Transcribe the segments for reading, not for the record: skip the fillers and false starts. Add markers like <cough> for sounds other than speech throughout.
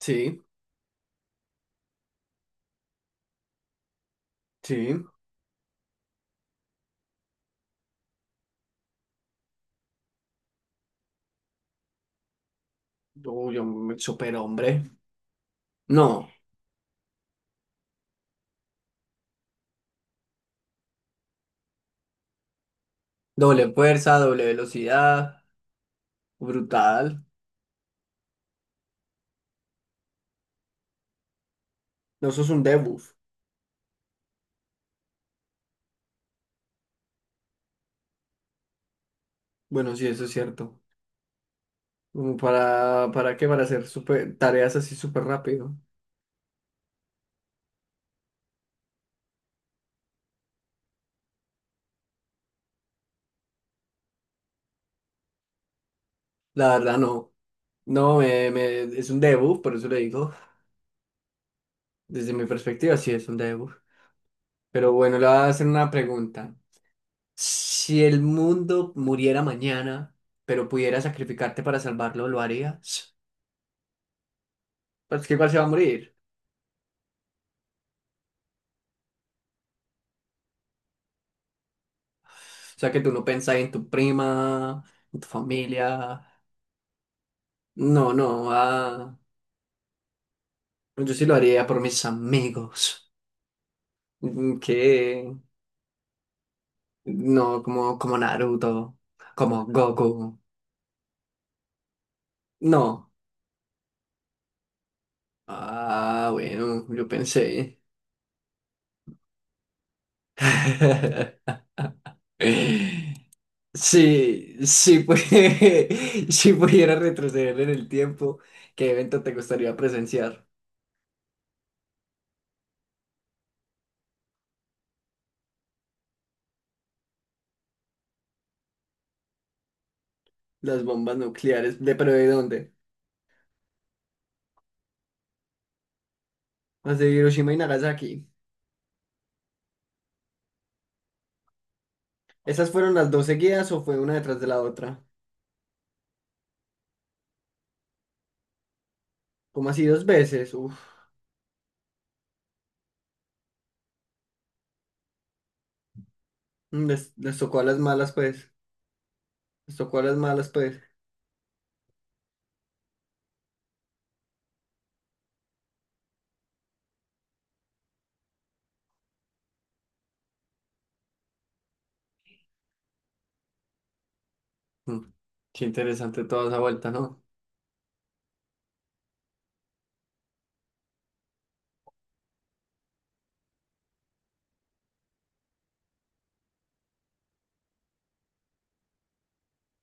Sí, sí. Uy, un superhombre. No, doble fuerza, doble velocidad, brutal. No, eso es un debuff. Bueno, sí, eso es cierto. Como ¿para qué? Para hacer super, tareas así súper rápido. La verdad, no. No, es un debuff, por eso le digo. Desde mi perspectiva, sí, es un debuff. Pero bueno, le voy a hacer una pregunta. Si el mundo muriera mañana, pero pudiera sacrificarte para salvarlo, ¿lo harías? Pues que igual se va a morir. O sea que tú no pensás en tu prima, en tu familia. No, no, ah, yo sí lo haría por mis amigos. Que no, como, como Naruto, como Goku. No. Ah, bueno, yo pensé. <laughs> Sí, sí, pues, <laughs> si pudiera retroceder en el tiempo, ¿qué evento te gustaría presenciar? Las bombas nucleares, ¿de pero de dónde? ¿Las de Hiroshima y Nagasaki? ¿Esas fueron las dos seguidas o fue una detrás de la otra? ¿Como así dos veces? Uf, les tocó a las malas, pues. Les tocó a las malas, pues. Mm, Qué interesante toda esa vuelta, ¿no?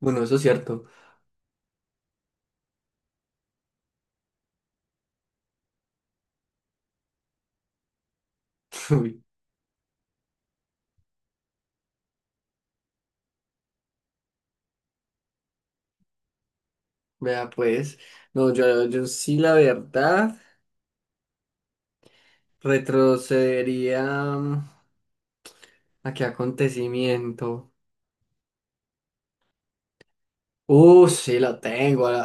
Bueno, eso es cierto. <laughs> Uy, vea, pues. No, yo sí, la verdad, retrocedería. ¿A qué acontecimiento? Sí, lo tengo. a-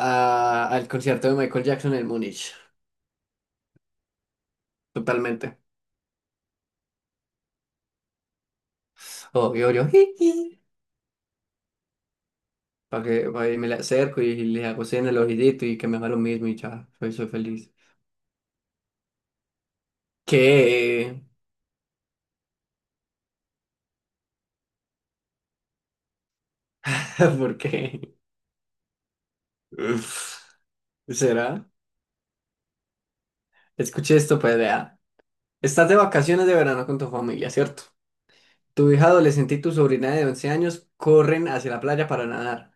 a- Al concierto de Michael Jackson en Múnich. Totalmente. Obvio, yo. <laughs> para que, pa' que me le acerco y, les hago cena al ojito y que me haga lo mismo y ya, soy feliz. ¿Qué? <laughs> ¿Por qué? Uf, ¿Será? Escuché esto, pues vea. Estás de vacaciones de verano con tu familia, ¿cierto? Tu hija adolescente y tu sobrina de 11 años corren hacia la playa para nadar.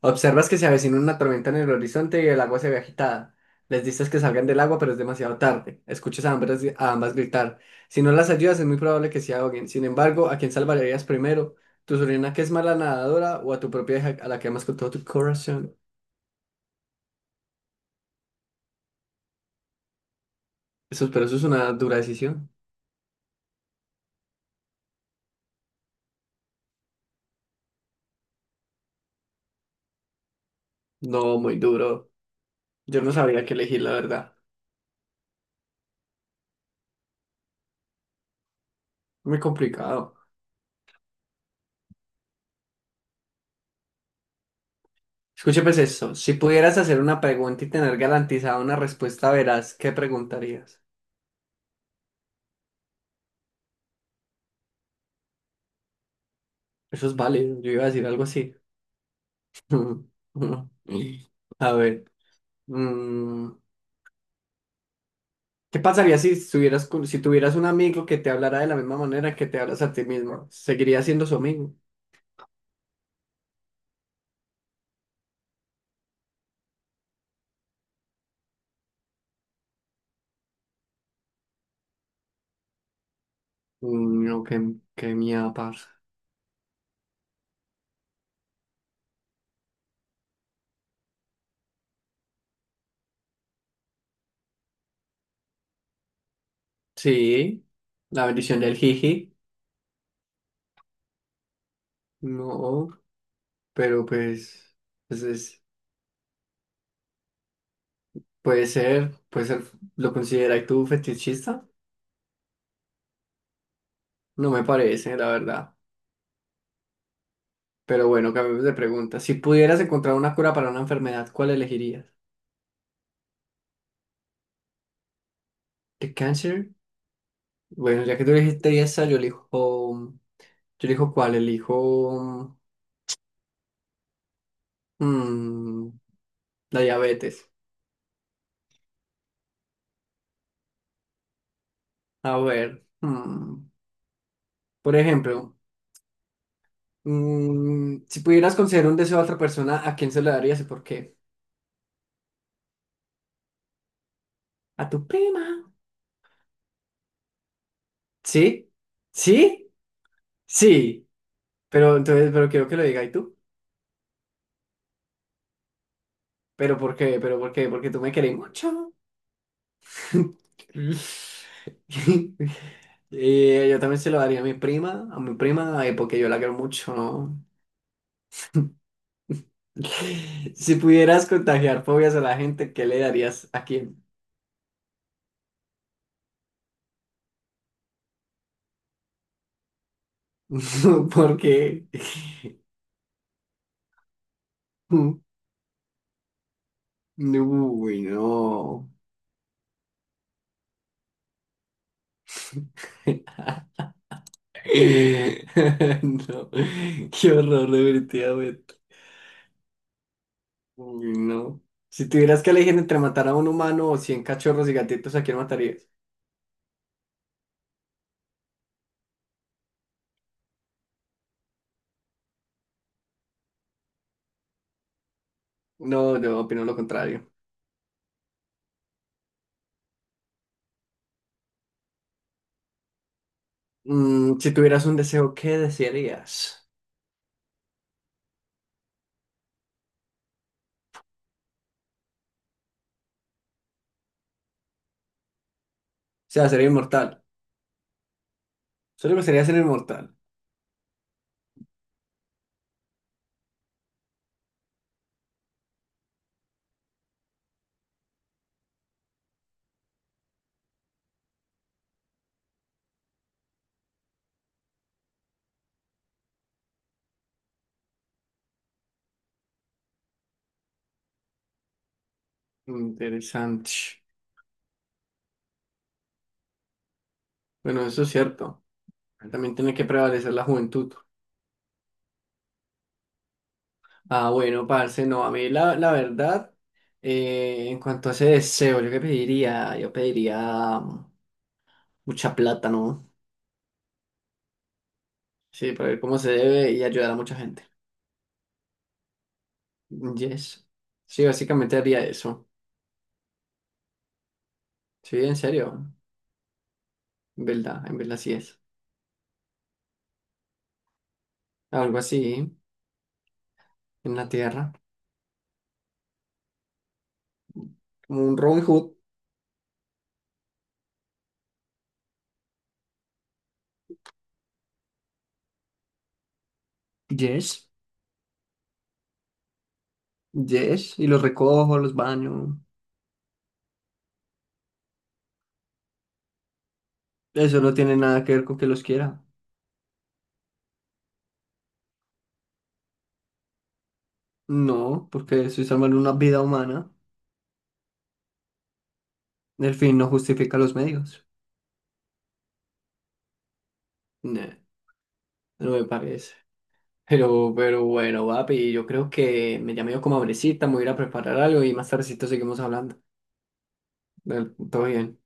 Observas que se avecina una tormenta en el horizonte y el agua se ve agitada. Les dices que salgan del agua, pero es demasiado tarde. Escuchas a ambas gritar. Si no las ayudas, es muy probable que se ahoguen. Sin embargo, ¿a quién salvarías primero? ¿Tu sobrina que es mala nadadora o a tu propia hija a la que amas con todo tu corazón? Eso, pero eso es una dura decisión. No, muy duro. Yo no sabría qué elegir, la verdad. Muy complicado. Escuche pues eso. Si pudieras hacer una pregunta y tener garantizada una respuesta veraz, ¿qué preguntarías? Eso es válido. Yo iba a decir algo así. <laughs> A ver, mm, ¿qué pasaría si si tuvieras un amigo que te hablara de la misma manera que te hablas a ti mismo? ¿Seguiría siendo su amigo? No, qué mía, parce. Sí, la bendición del jiji. No, pero pues, pues es- puede ser, ¿lo consideras tú fetichista? No me parece, la verdad. Pero bueno, cambiemos de pregunta. Si pudieras encontrar una cura para una enfermedad, ¿cuál elegirías? ¿El cáncer? Bueno, ya que tú dijiste esa, elijo mm, la diabetes. A ver, por ejemplo, si pudieras conceder un deseo a otra persona, ¿a quién se lo darías y por qué? A tu prima. ¿Sí? ¿Sí? Sí. Pero entonces, pero quiero que lo diga y tú. ¿Pero por qué? ¿Pero por qué? Porque tú me querés mucho. <laughs> Yo también se lo daría a a mi prima, porque yo la quiero mucho, ¿no? <laughs> Si pudieras contagiar fobias a la gente, ¿qué le darías a quién? <laughs> Porque, uy, no. <laughs> No, qué horror, definitivamente. Uy, no. Si tuvieras que elegir entre matar a un humano o 100 cachorros y gatitos, ¿a quién matarías? No, yo opino lo contrario. Mm, si tuvieras un deseo, ¿qué desearías? O sea, sería inmortal. Solo me gustaría ser inmortal. Interesante. Bueno, eso es cierto. También tiene que prevalecer la juventud. Ah, bueno, parce, no, a mí la verdad, en cuanto a ese deseo, yo pediría mucha plata, ¿no? Sí, para ver cómo se debe y ayudar a mucha gente. Yes. Sí, básicamente haría eso. Sí, en serio, en verdad sí es. Algo así, en la tierra, como un Robin Hood. Yes, yes, y los recojo, los baño. Eso no tiene nada que ver con que los quiera. No, porque estoy salvando una vida humana. El fin no justifica los medios. Nah, no me parece. Pero bueno, papi, yo creo que me llamé yo como hambrecita, me voy a ir a preparar algo y más tardecito seguimos hablando. Dale, todo bien.